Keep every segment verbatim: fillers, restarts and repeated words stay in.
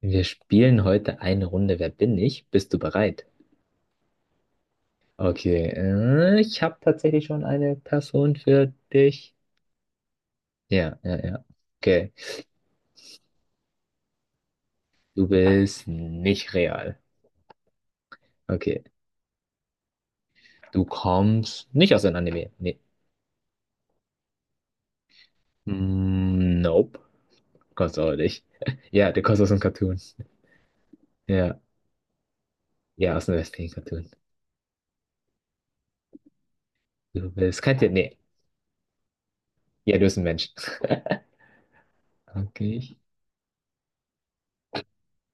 Wir spielen heute eine Runde: Wer bin ich? Bist du bereit? Okay, äh, ich habe tatsächlich schon eine Person für dich. Ja, ja, ja. Okay, du bist nicht real. Okay, du kommst nicht aus einem Anime. Nee. Mm, nope, kommst auch nicht. Ja, du kommst aus einem Cartoon. Ja, ja, aus einem westlichen Cartoon. Du bist kein Tier. Nee, ja, du bist ein Mensch. Okay.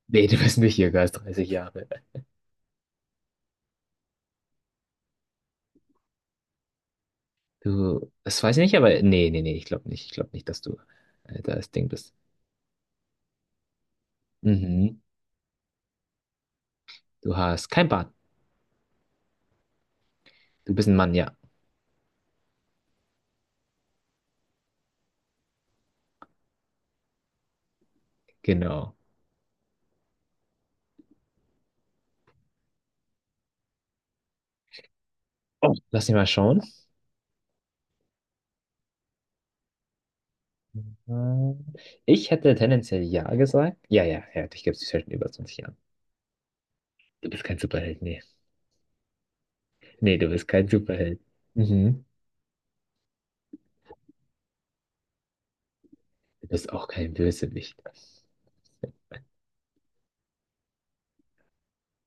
Nee, du bist nicht jünger als dreißig Jahre. Du, das weiß ich nicht, aber nee, nee, nee, ich glaube nicht. Ich glaube nicht, dass du äh, das Ding bist. Mhm. Du hast kein Bart. Du bist ein Mann, ja. Genau. Oh. Lass mich mal schauen. Mhm. Ich hätte tendenziell ja gesagt. Ja, ja, ja, dich gibt es seit über zwanzig Jahren. Du bist kein Superheld, nee. Nee, du bist kein Superheld. Mhm. Du bist auch kein Bösewicht.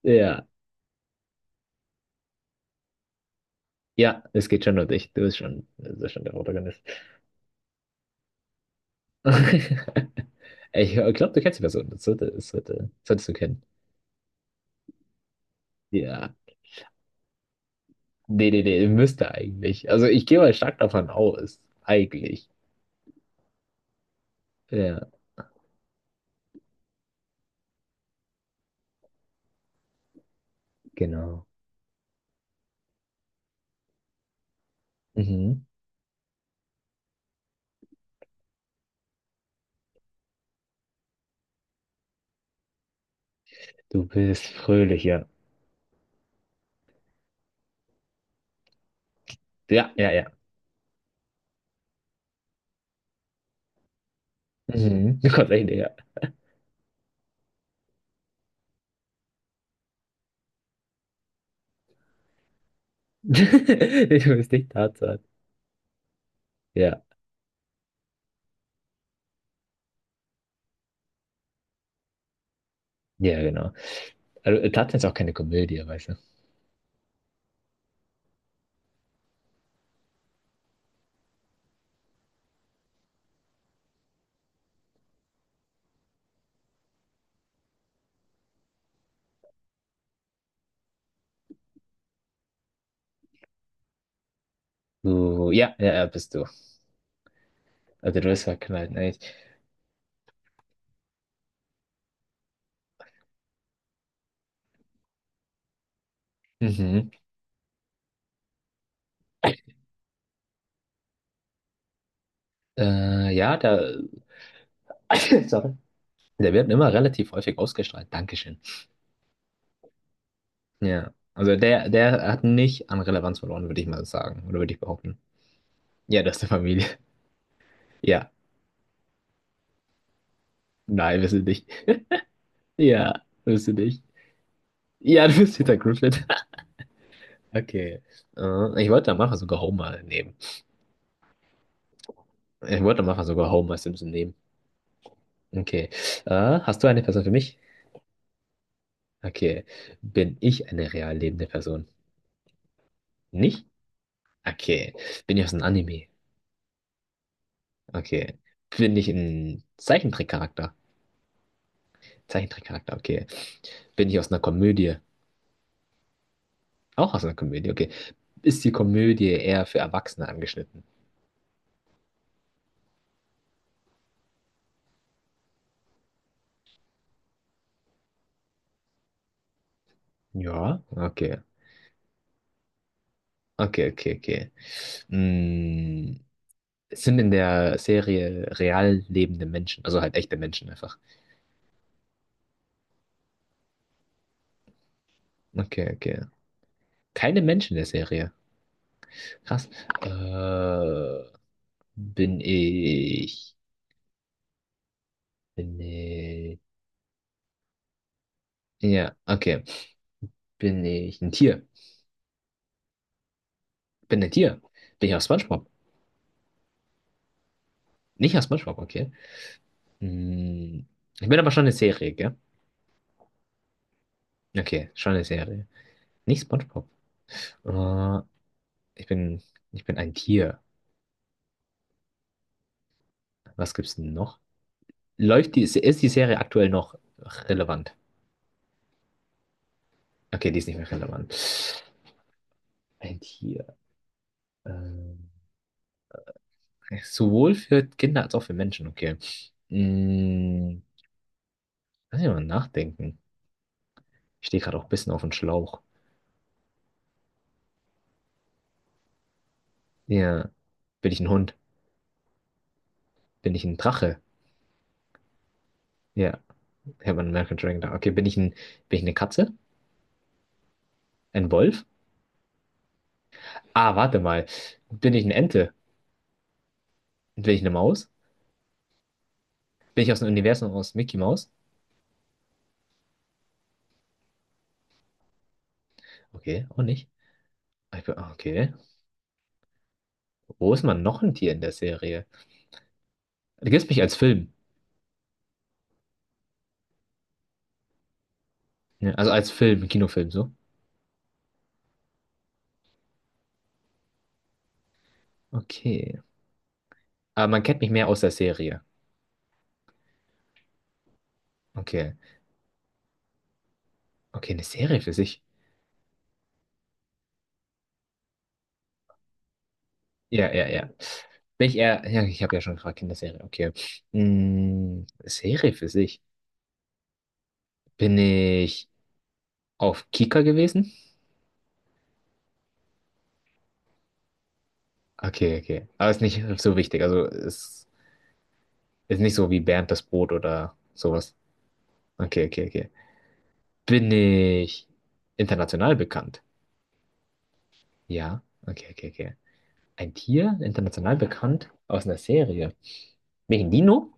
Ja, ja, es geht schon um dich. Du bist schon, du bist schon der Protagonist. Ich glaube, du kennst die Person. Das sollte, das sollte, solltest du kennen. Ja. Nee, nee, nee, müsste eigentlich. Also ich gehe mal stark davon aus. Eigentlich. Ja, genau. Mhm. Du bist fröhlich, ja. Ja, ja, ja. Mhm. Du kommst echt näher. Nee, du bist nicht Tarzan. Ja, ja, genau. Also äh, Tarzan ist auch keine Komödie, weißt du. Du, ja, ja, ja, bist du. Also du bist verknallt, nicht? Mhm. Äh, ja, da. Sorry. Der wird immer relativ häufig ausgestrahlt. Dankeschön. Ja. Also der, der hat nicht an Relevanz verloren, würde ich mal sagen. Oder würde ich behaupten. Ja, du hast eine Familie. Ja. Nein, bist du nicht. Ja, bist du nicht. Ja, du bist Peter Griffin. Okay. Äh, ich wollte am Anfang sogar Homer nehmen. Ich wollte am Anfang sogar Homer Simpson nehmen. Okay. Äh, hast du eine Person für mich? Okay. Bin ich eine real lebende Person? Nicht? Okay. Bin ich aus einem Anime? Okay. Bin ich ein Zeichentrickcharakter? Zeichentrickcharakter, okay. Bin ich aus einer Komödie? Auch aus einer Komödie, okay. Ist die Komödie eher für Erwachsene angeschnitten? Ja, okay. Okay, okay, okay. Mm, es sind in der Serie real lebende Menschen, also halt echte Menschen einfach. Okay, okay. Keine Menschen in der Serie. Krass. Äh, bin ich, bin ich, ja, okay. Bin ich ein Tier? Bin ein Tier? Bin ich aus SpongeBob? Nicht aus SpongeBob, okay. Mm, ich bin aber schon eine Serie, gell? Okay, schon eine Serie. Nicht SpongeBob. Äh, ich bin, ich bin ein Tier. Was gibt's denn noch? Läuft die, ist die Serie aktuell noch relevant? Okay, die ist nicht mehr relevant. Ein Tier. Ähm, sowohl für Kinder als auch für Menschen, okay. Hm, lass mich mal nachdenken. Ich stehe gerade auch ein bisschen auf dem Schlauch. Ja. Bin ich ein Hund? Bin ich ein Drache? Ja. Ich habe einen American Dragon da. Okay, bin ich ein, bin ich eine Katze? Ein Wolf? Ah, warte mal. Bin ich eine Ente? Bin ich eine Maus? Bin ich aus dem Universum aus Mickey Mouse? Okay, auch nicht. Ich bin- ah, Okay. Wo ist man noch ein Tier in der Serie? Du kennst mich als Film. Ja, also als Film, Kinofilm, so. Okay. Aber man kennt mich mehr aus der Serie. Okay. Okay, eine Serie für sich. Ja, ja, ja. Bin ich eher, ja, ich habe ja schon gefragt, Kinderserie, okay. Mm, Serie für sich. Bin ich auf Kika gewesen? Okay, okay. Aber ist nicht so wichtig. Also ist, ist nicht so wie Bernd das Brot oder sowas. Okay, okay, okay. Bin ich international bekannt? Ja. Okay, okay, okay. Ein Tier, international bekannt, aus einer Serie. Welchen Dino?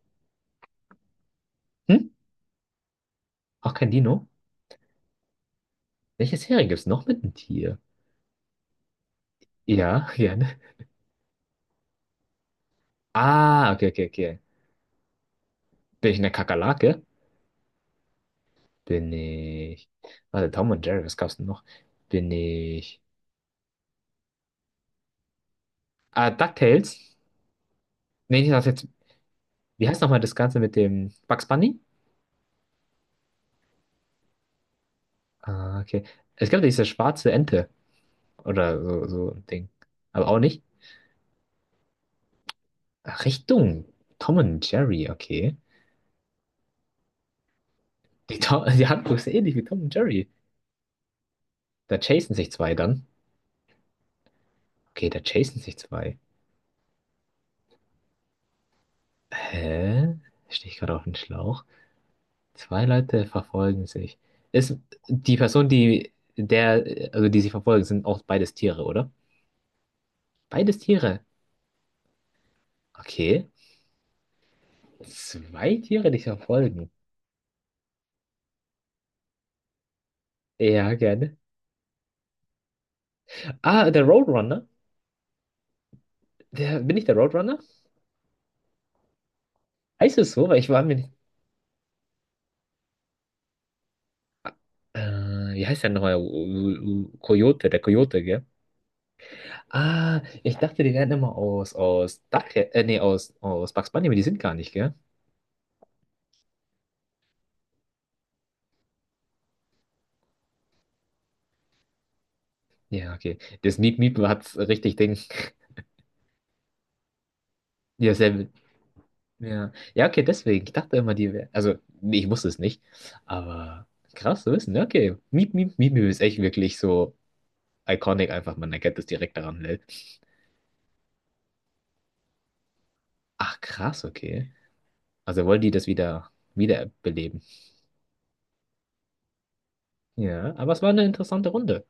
Hm? Auch kein Dino? Welche Serie gibt es noch mit einem Tier? Ja, gerne. Ah, okay, okay, okay. Bin ich eine Kakerlake? Bin ich. Warte, Tom und Jerry, was gab's denn noch? Bin ich. Ah, DuckTales? Nee, ich dachte jetzt. Wie heißt nochmal das Ganze mit dem Bugs Bunny? Ah, okay. Es gab ja diese schwarze Ente. Oder so, so ein Ding. Aber auch nicht. Ach, Richtung. Tom und Jerry, okay. Die, To- die Handlung ist ähnlich wie Tom und Jerry. Da chasen sich zwei dann. Okay, da chasen sich zwei. Hä? Stehe ich gerade auf den Schlauch? Zwei Leute verfolgen sich. Ist die Person, die der, also die sie verfolgen, sind auch beides Tiere, oder? Beides Tiere. Okay. Zwei Tiere, die sich verfolgen. Ja, gerne. Ah, der Roadrunner. Der, bin ich der Roadrunner? Heißt es so? Weil ich war mir nicht. Äh, wie heißt der nochmal? Coyote, der Coyote, gell? Ah, ich dachte, die werden immer aus, aus Dach, äh, nee, aus, aus Bugs Bunny, aber die sind gar nicht, gell? Ja, okay. Das Miep Miep hat richtig Ding. Ja, sehr, ja. Ja, okay, deswegen. Ich dachte immer, die wären, also, nee, ich wusste es nicht. Aber krass zu wissen, ja, okay. Miep Miep Miep Miep ist echt wirklich so iconic einfach, man erkennt es direkt daran, ne? Ach, krass, okay. Also wollen die das wieder, wiederbeleben. Ja, aber es war eine interessante Runde.